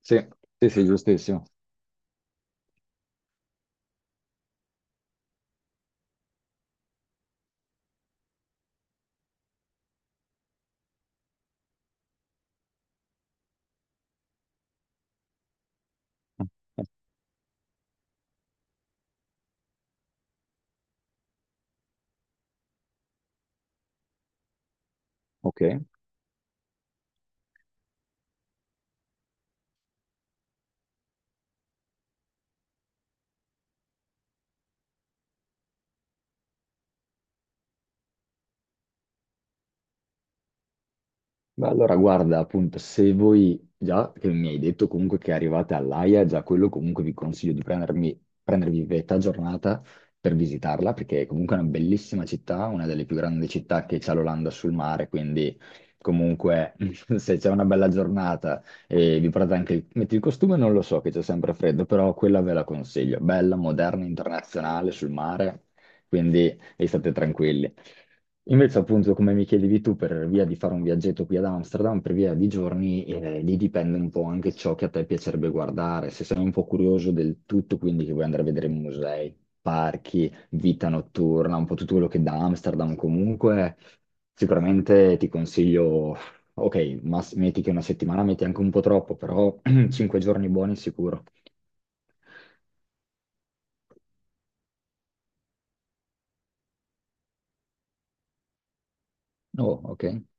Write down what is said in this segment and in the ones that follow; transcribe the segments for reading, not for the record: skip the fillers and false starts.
Sì, sì, sì, giustissimo. Ok. Beh, allora guarda, appunto, se voi già che mi hai detto comunque che arrivate all'Aia, già quello comunque vi consiglio di prendervi metà giornata per visitarla, perché comunque è una bellissima città, una delle più grandi città che c'ha l'Olanda sul mare, quindi comunque se c'è una bella giornata e vi portate anche il, metti il costume, non lo so, che c'è sempre freddo, però quella ve la consiglio, bella, moderna, internazionale sul mare, quindi e state tranquilli. Invece, appunto, come mi chiedevi tu, per via di fare un viaggetto qui ad Amsterdam, per via di giorni, lì dipende un po' anche ciò che a te piacerebbe guardare. Se sei un po' curioso del tutto, quindi che vuoi andare a vedere musei, parchi, vita notturna, un po' tutto quello che da Amsterdam comunque, sicuramente ti consiglio, ok, ma metti che una settimana metti anche un po' troppo, però 5 giorni buoni sicuro. Oh, ok.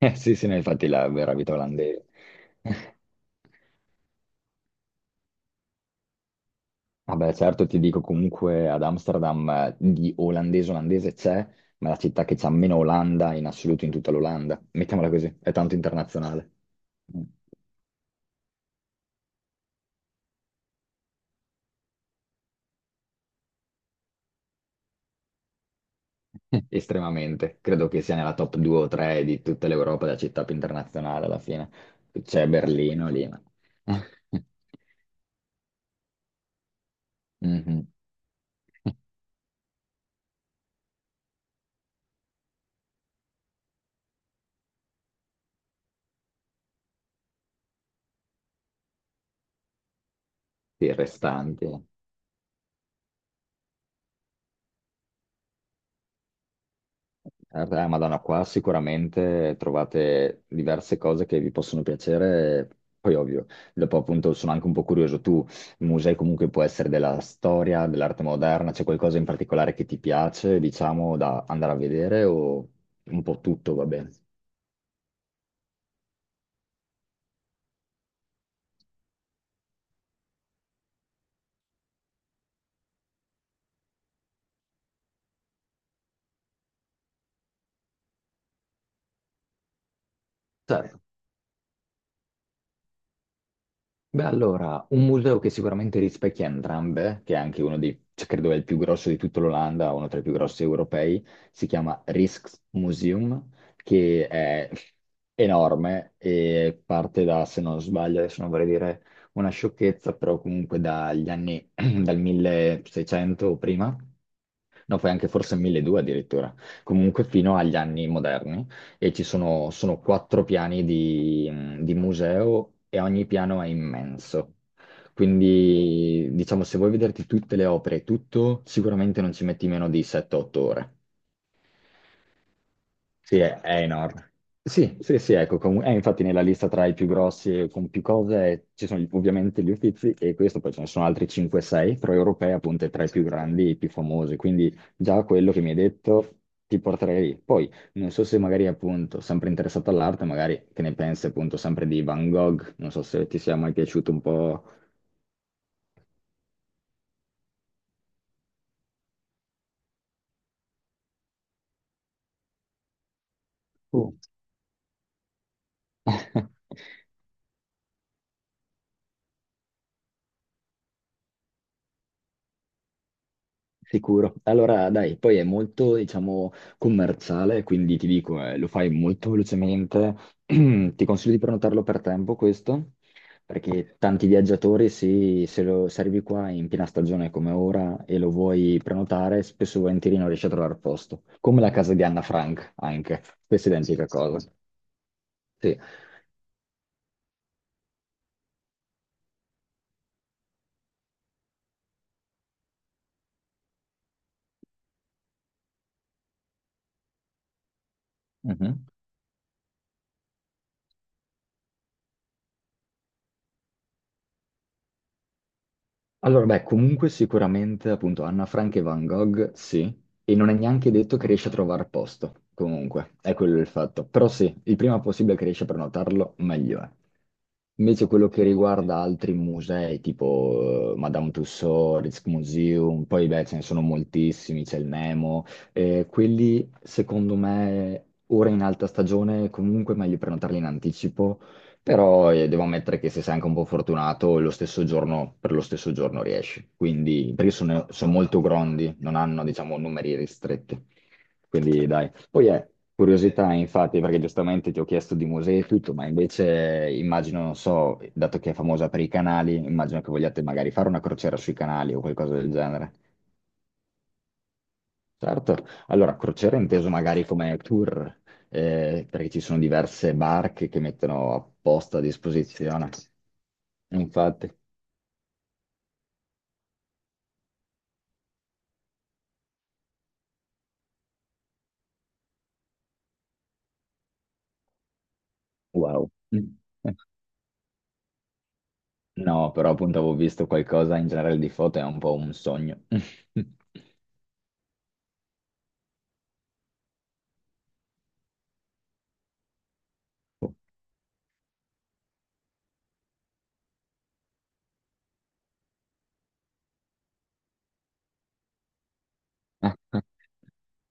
Sì, sì, no, infatti la vera vita olandese. Vabbè, certo, ti dico, comunque ad Amsterdam di olandese olandese c'è, ma la città che c'ha meno Olanda in assoluto in tutta l'Olanda. Mettiamola così, è tanto internazionale. Mm. Estremamente. Credo che sia nella top 2 o 3 di tutta l'Europa, la città più internazionale alla fine. C'è Berlino lì, ma... Mhm. I restanti. Certo, Madonna, qua sicuramente trovate diverse cose che vi possono piacere, poi ovvio, dopo appunto sono anche un po' curioso, tu, il museo comunque può essere della storia, dell'arte moderna, c'è qualcosa in particolare che ti piace, diciamo, da andare a vedere o un po' tutto va bene? Certo. Beh, allora, un museo che sicuramente rispecchia entrambe, che è anche uno dei, cioè, credo è il più grosso di tutta l'Olanda, uno tra i più grossi europei, si chiama Rijksmuseum, che è enorme e parte da, se non sbaglio, adesso non vorrei dire una sciocchezza, però comunque dagli anni, dal 1600 o prima, no, poi anche forse 1200 addirittura, comunque fino agli anni moderni, e ci sono quattro piani di museo e ogni piano è immenso. Quindi, diciamo, se vuoi vederti tutte le opere e tutto, sicuramente non ci metti meno di 7-8 ore. Sì, è enorme. Sì, sì, sì, ecco, è infatti nella lista tra i più grossi e con più cose ci sono ovviamente gli Uffizi e questo, poi ce ne sono altri 5-6, però Europea appunto è tra i più grandi e i più famosi, quindi già quello che mi hai detto, ti porterei lì. Poi non so se magari appunto, sempre interessato all'arte, magari che ne pensi appunto sempre di Van Gogh, non so se ti sia mai piaciuto un po'. Oh. Sicuro. Allora, dai, poi è molto, diciamo, commerciale, quindi ti dico, lo fai molto velocemente. Ti consiglio di prenotarlo per tempo, questo, perché tanti viaggiatori, sì, se arrivi qua in piena stagione come ora e lo vuoi prenotare, spesso e volentieri non riesci a trovare posto. Come la casa di Anna Frank, anche. Stessa identica cosa. Sì. Mhm. Allora, beh, comunque sicuramente appunto Anna Frank e Van Gogh, sì, e non è neanche detto che riesci a trovare posto, comunque, è quello il fatto. Però sì, il prima possibile che riesci a prenotarlo, meglio è. Invece quello che riguarda altri musei, tipo Madame Tussauds, Rijksmuseum, poi beh, ce ne sono moltissimi, c'è il Nemo, quelli secondo me ora in alta stagione comunque è meglio prenotarli in anticipo, però devo ammettere che se sei anche un po' fortunato, per lo stesso giorno riesci. Quindi, perché sono molto grondi, non hanno, diciamo, numeri ristretti. Quindi, dai. Poi è curiosità, infatti, perché giustamente ti ho chiesto di musei e tutto, ma invece immagino, non so, dato che è famosa per i canali, immagino che vogliate magari fare una crociera sui canali o qualcosa del genere. Certo, allora crociera inteso magari come tour, perché ci sono diverse barche che mettono apposta a disposizione. Infatti, wow. No, però appunto avevo visto qualcosa in generale di foto, è un po' un sogno.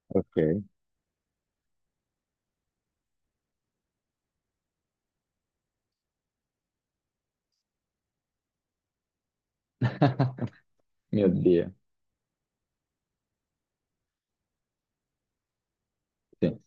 Ok. Mio Dio. Sì.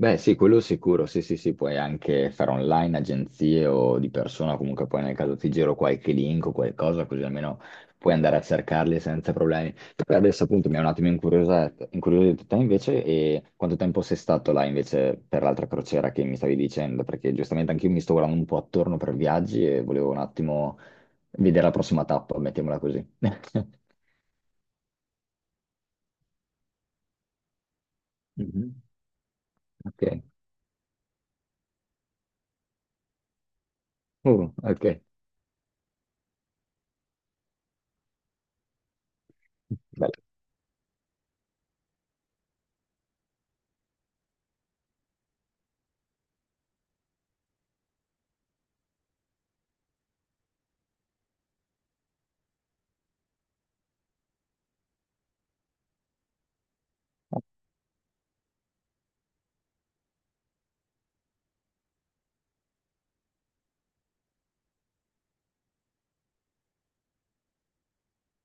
Beh, sì, quello sicuro, sì, sì, sì, puoi anche fare online, agenzie o di persona, comunque poi nel caso ti giro qualche link o qualcosa, così almeno puoi andare a cercarli senza problemi. Per adesso appunto mi è un attimo incuriosito te invece, e quanto tempo sei stato là invece per l'altra crociera che mi stavi dicendo? Perché giustamente anch'io mi sto guardando un po' attorno per viaggi e volevo un attimo vedere la prossima tappa, mettiamola così. Mhm. Ok. Ok, bello.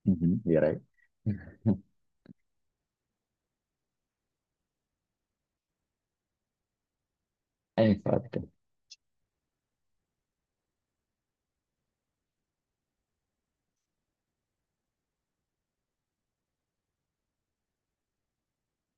Mhm, direi. Infatti.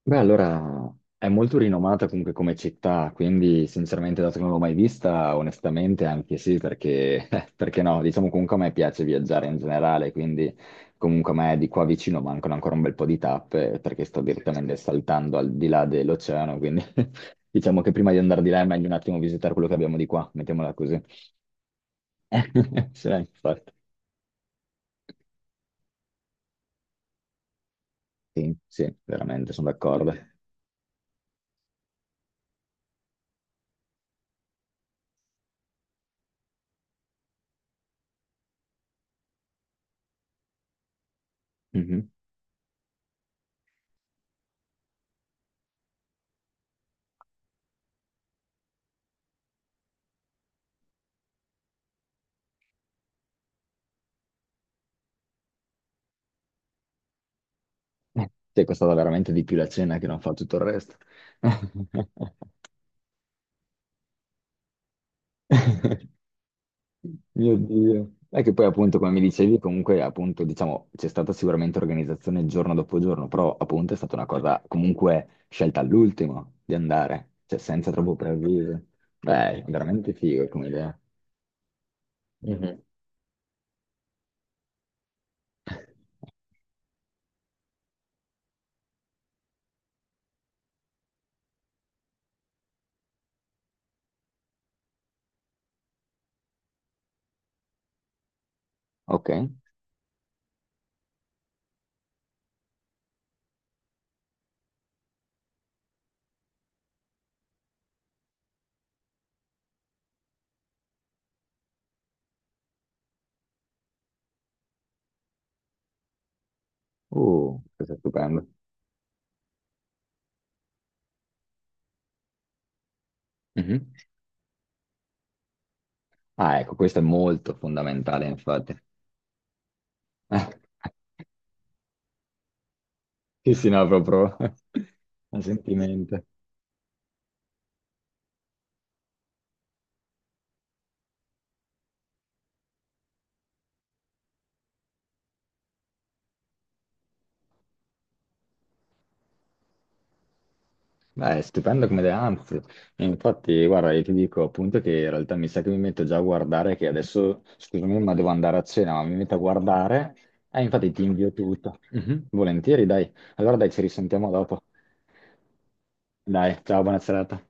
Beh, allora è molto rinomata comunque come città, quindi sinceramente, dato che non l'ho mai vista, onestamente anche sì, perché, perché no, diciamo comunque a me piace viaggiare in generale, quindi comunque a me di qua vicino mancano ancora un bel po' di tappe, perché sto, sì, sì, direttamente saltando al di là dell'oceano, quindi diciamo che prima di andare di là è meglio un attimo visitare quello che abbiamo di qua, mettiamola così. Sì, infatti. Sì, sì, veramente, sono d'accordo. Mhm. Ti è costata veramente di più la cena che non fa tutto il resto. Mio Dio. E che poi appunto, come mi dicevi, comunque appunto, diciamo, c'è stata sicuramente organizzazione giorno dopo giorno, però appunto è stata una cosa comunque scelta all'ultimo di andare, cioè senza troppo preavviso. Beh, è veramente figo come idea. Mhm. Ok. Questo è stupendo. Mhm. Ah, ecco, questo è molto fondamentale, infatti. Sì, sì, no, proprio a sentimento. Beh, è stupendo come idea, anzi, infatti, guarda, io ti dico appunto che in realtà mi sa che mi metto già a guardare, che adesso, scusami, ma devo andare a cena, ma mi metto a guardare, e infatti ti invio tutto. Mhm, volentieri, dai. Allora dai, ci risentiamo dopo. Dai, ciao, buona serata.